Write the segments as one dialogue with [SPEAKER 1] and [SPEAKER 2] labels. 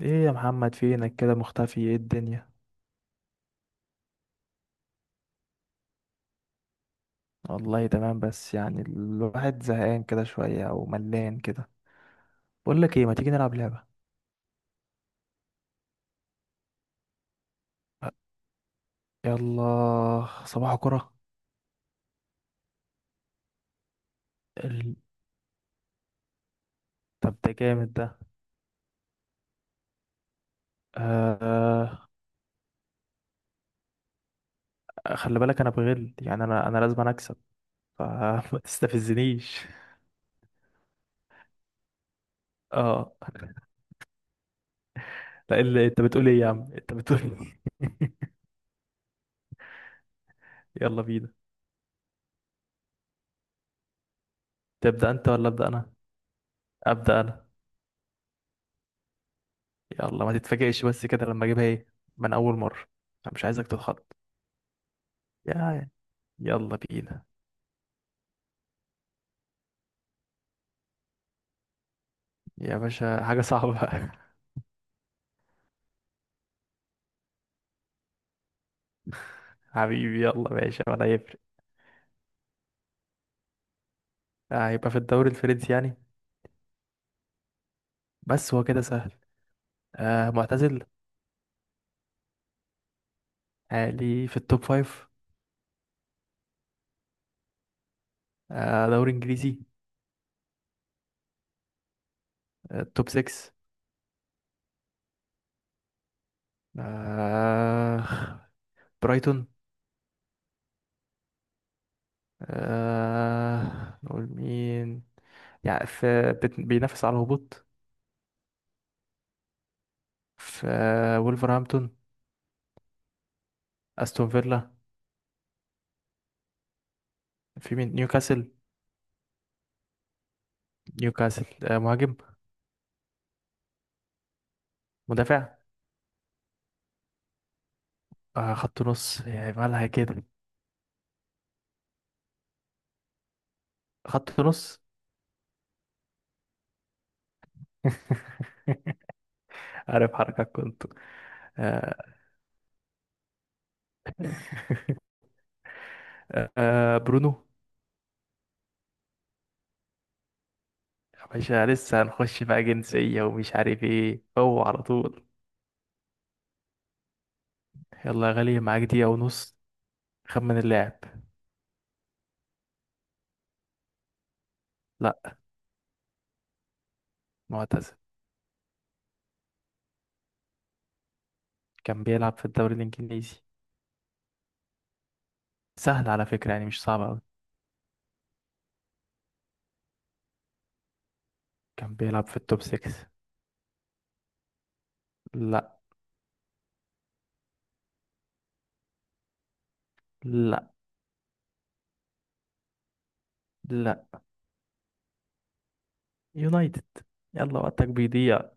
[SPEAKER 1] ايه يا محمد فينك كده مختفي؟ ايه الدنيا؟ والله تمام، بس يعني الواحد زهقان كده شوية او ملان كده. بقول لك ايه، ما تيجي نلعب لعبة؟ يلا صباح كرة. ال... طب ده جامد ده. آه... خلي بالك انا بغل يعني، انا لازم أنا اكسب، فما تستفزنيش. اه، لا اللي انت بتقول ايه يا عم؟ انت بتقول إيه؟ يلا بينا. تبدأ انت ولا ابدأ انا؟ ابدأ انا. يلا، ما تتفاجئش بس كده لما اجيبها ايه من اول مرة. أنا مش عايزك تتخض. يا، يلا بينا. يا باشا حاجة صعبة. حبيبي يلا ماشي، ولا يفرق. آه، هيبقى في الدوري الفرنسي يعني؟ بس هو كده سهل. آه معتزل؟ عالي في التوب فايف. آه دوري إنجليزي. آه توب سكس؟ آه برايتون. آه نقول مين؟ يعني في، بينافس على الهبوط. في آه وولفرهامبتون، أستون فيلا، في مين؟ نيوكاسل. نيوكاسل آه، مهاجم؟ مدافع؟ آه خط نص يعني، مالها كده. خط نص. عارف حركات كنت. آه آه، برونو. يا باشا لسه هنخش بقى جنسية ومش عارف ايه هو على طول. يلا يا غالي، معاك دقيقة ونص. خمن اللاعب. لا. معتزل. كان بيلعب في الدوري الإنجليزي. سهل على فكرة يعني، مش صعب أوي. كان بيلعب في التوب 6. لا. لا. لا. يونايتد. يلا وقتك بيضيع.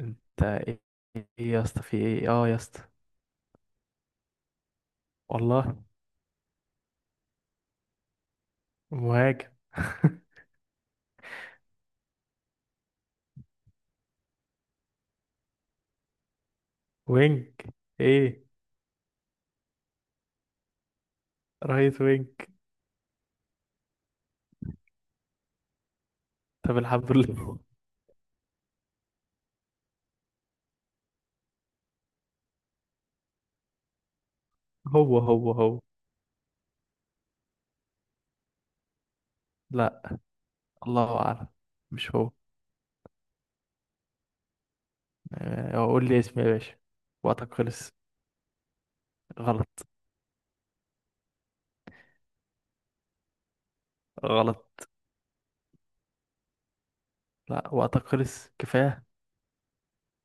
[SPEAKER 1] انت ايه؟ ايه يا اسطى، في ايه؟ اه يا اسطى. والله. مهاجم. وينج. ايه؟ رايت وينج. طب الحمد لله. هو. لا. الله أعلم. مش هو. آه، قول لي اسمي يا باشا. وقتك خلص. غلط. غلط. لا وقتك خلص، كفاية.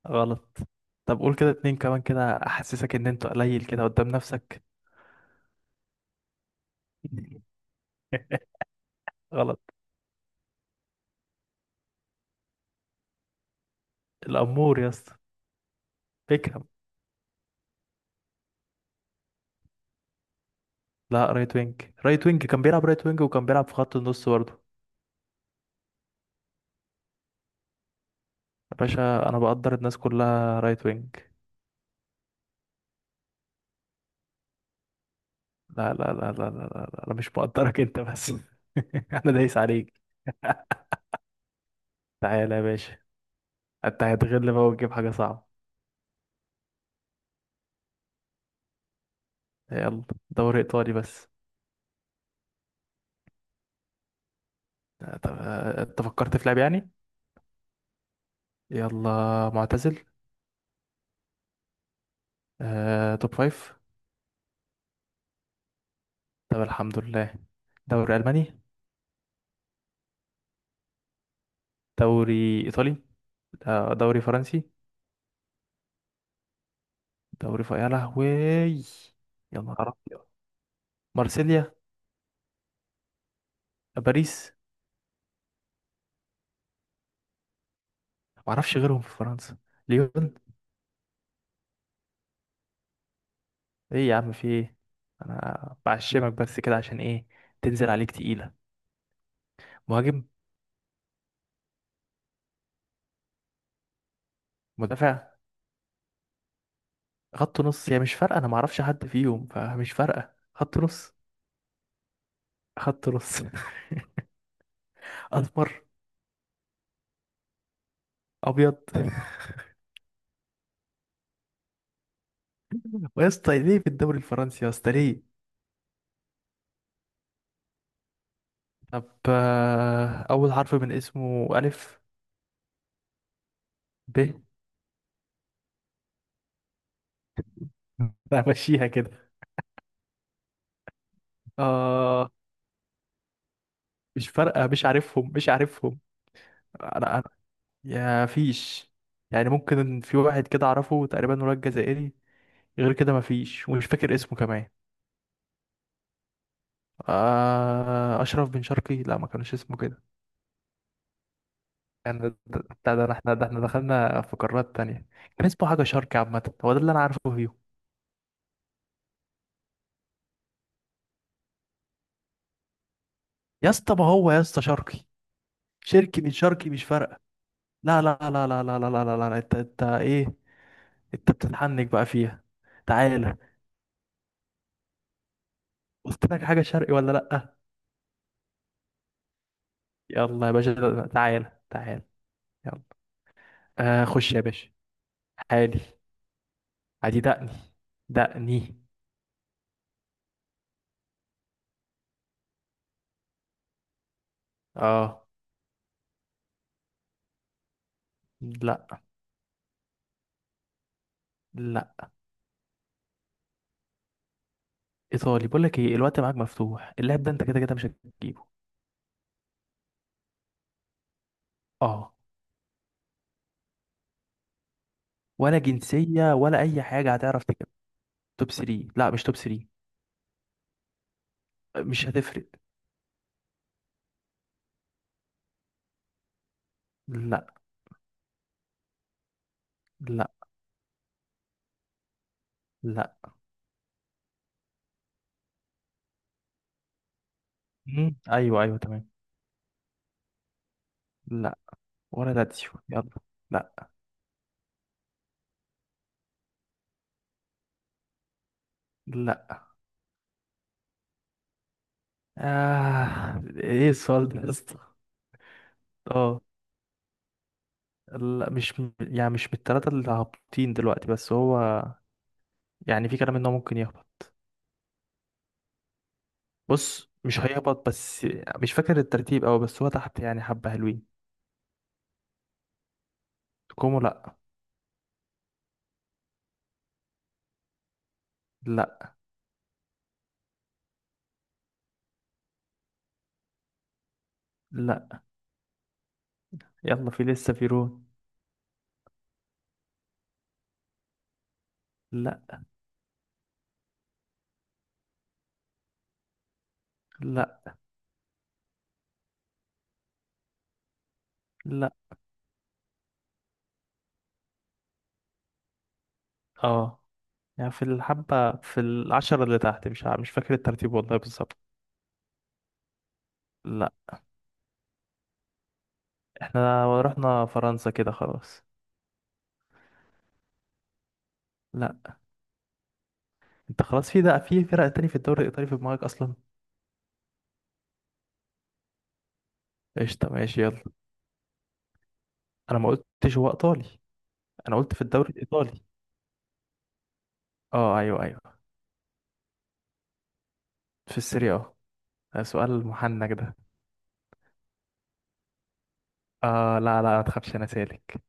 [SPEAKER 1] غلط. طب قول كده اتنين كمان كده، أحسسك إن أنت قليل كده قدام نفسك. غلط. الأمور يا اسطى. بيكهام. لا، رايت وينج. رايت وينج كان بيلعب رايت وينج وكان بيلعب في خط النص برضه. يا باشا أنا بقدر الناس كلها رايت وينج. لا لا لا لا لا لا, لا. أنا مش مقدرك أنت بس. أنا دايس عليك. تعالى يا باشا. انت هتغل بقى وتجيب حاجة صعبة. يلا. دوري ايطالي بس. طب آه، انت فكرت في لعب يعني؟ يلا. معتزل. آه، توب فايف. طب الحمد لله. دوري الماني؟ دوري ايطالي؟ آه، دوري فرنسي. يا لهوي. يا نهار أبيض. مارسيليا. باريس. معرفش غيرهم في فرنسا. ليون. ايه يا عم، في ايه؟ انا بعشمك بس كده عشان ايه؟ تنزل عليك تقيلة. مهاجم. مدافع. خط نص. هي مش فارقة، أنا معرفش حد فيهم، فمش فارقة. خط نص. خط نص. أسمر. أبيض. ويا اسطى ليه في الدوري الفرنسي يا اسطى ليه؟ طب آه، أول حرف من اسمه ألف. ب. أنا همشيها كده. آه. مش فارقة، مش عارفهم، مش عارفهم. أنا، أنا، يا فيش، يعني ممكن في واحد كده أعرفه تقريبا ولاد جزائري. غير كده مفيش، ومش فاكر اسمه كمان. آه أشرف بن شرقي. لا ما كانش اسمه كده. كان بتاع، ده احنا، ده احنا دخلنا في قارات تانية. كان اسمه حاجة شرقي عامة، هو ده اللي انا عارفه فيه. يا اسطى، ما هو يا اسطى شرقي. شرقي من شرقي، مش فارقة. لا لا لا لا لا لا لا لا, لا. انت، انت ايه؟ انت بتتحنك بقى فيها. تعالى. قلت لك حاجة شرقي ولا لأ؟ يلا يا باشا، تعالى تعالى. يلا. آه خش يا باشا. حالي. عادي. دقني. دقني. اه. لا لا. ايطالي، بقول لك ايه، الوقت معاك مفتوح، اللعب ده انت كده كده مش هتجيبه. اه. ولا جنسية ولا أي حاجة هتعرف تجيب. توب 3. لا مش توب 3. مش هتفرق. لا. لا. لا. مم. أيوه أيوه تمام. لا. ولا لاتسيو؟ يلا. لا. لا. آه إيه السؤال ده يا اسطى؟ أه. لا مش يعني مش من التلاتة اللي هابطين دلوقتي، بس هو يعني في كلام إن هو ممكن يهبط. بص مش هيهبط بس، مش فاكر الترتيب أوي، بس هو تحت يعني حبة حلوين. كومو لا. لا. لا. يلا في لسه، في رون. لا. لا. لا. اه. يعني في الحبة، في العشرة اللي تحت، مش مش فاكر الترتيب والله بالظبط. لا. احنا رحنا فرنسا كده خلاص. لا. انت خلاص في، ده في فرق تاني في الدوري الإيطالي في دماغك أصلا؟ قشطة ماشي، يلا. أنا ما قلتش هو إيطالي. أنا قلت في الدوري الإيطالي. اه أيوه أيوه. في السيريا اه. ده سؤال محنك ده. اه لا لا ما تخافش، أنا سالك.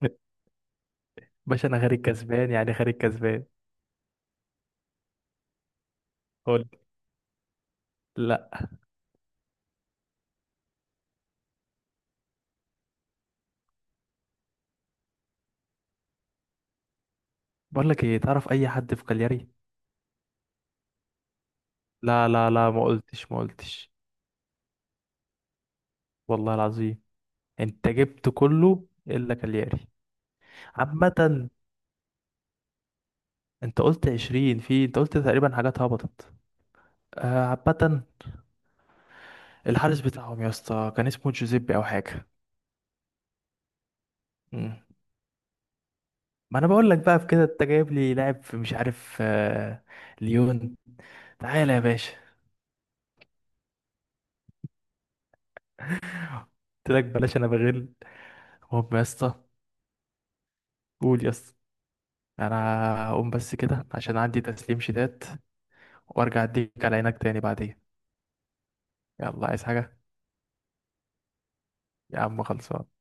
[SPEAKER 1] باشا أنا خارج كسبان يعني، خارج كسبان. قول. لا. بقول لك ايه، تعرف أي حد في كالياري؟ لا لا لا، ما قلتش، ما قلتش. والله العظيم انت جبت كله الا كالياري. عامة، انت قلت 20، في انت قلت تقريبا حاجات هبطت. آه، عامة، الحارس بتاعهم يا اسطى كان اسمه جوزيبي او حاجة. مم. ما انا بقول لك، بقى في كده، انت جايب لي لاعب في مش عارف آه، ليون. تعالى يا باشا. قلت لك بلاش، انا بغل. هم يا اسطى. قول يا اسطى. انا هقوم بس كده عشان عندي تسليم شتات، وارجع اديك على عينك تاني بعدين. يلا، عايز حاجة؟ يا عم خلصان.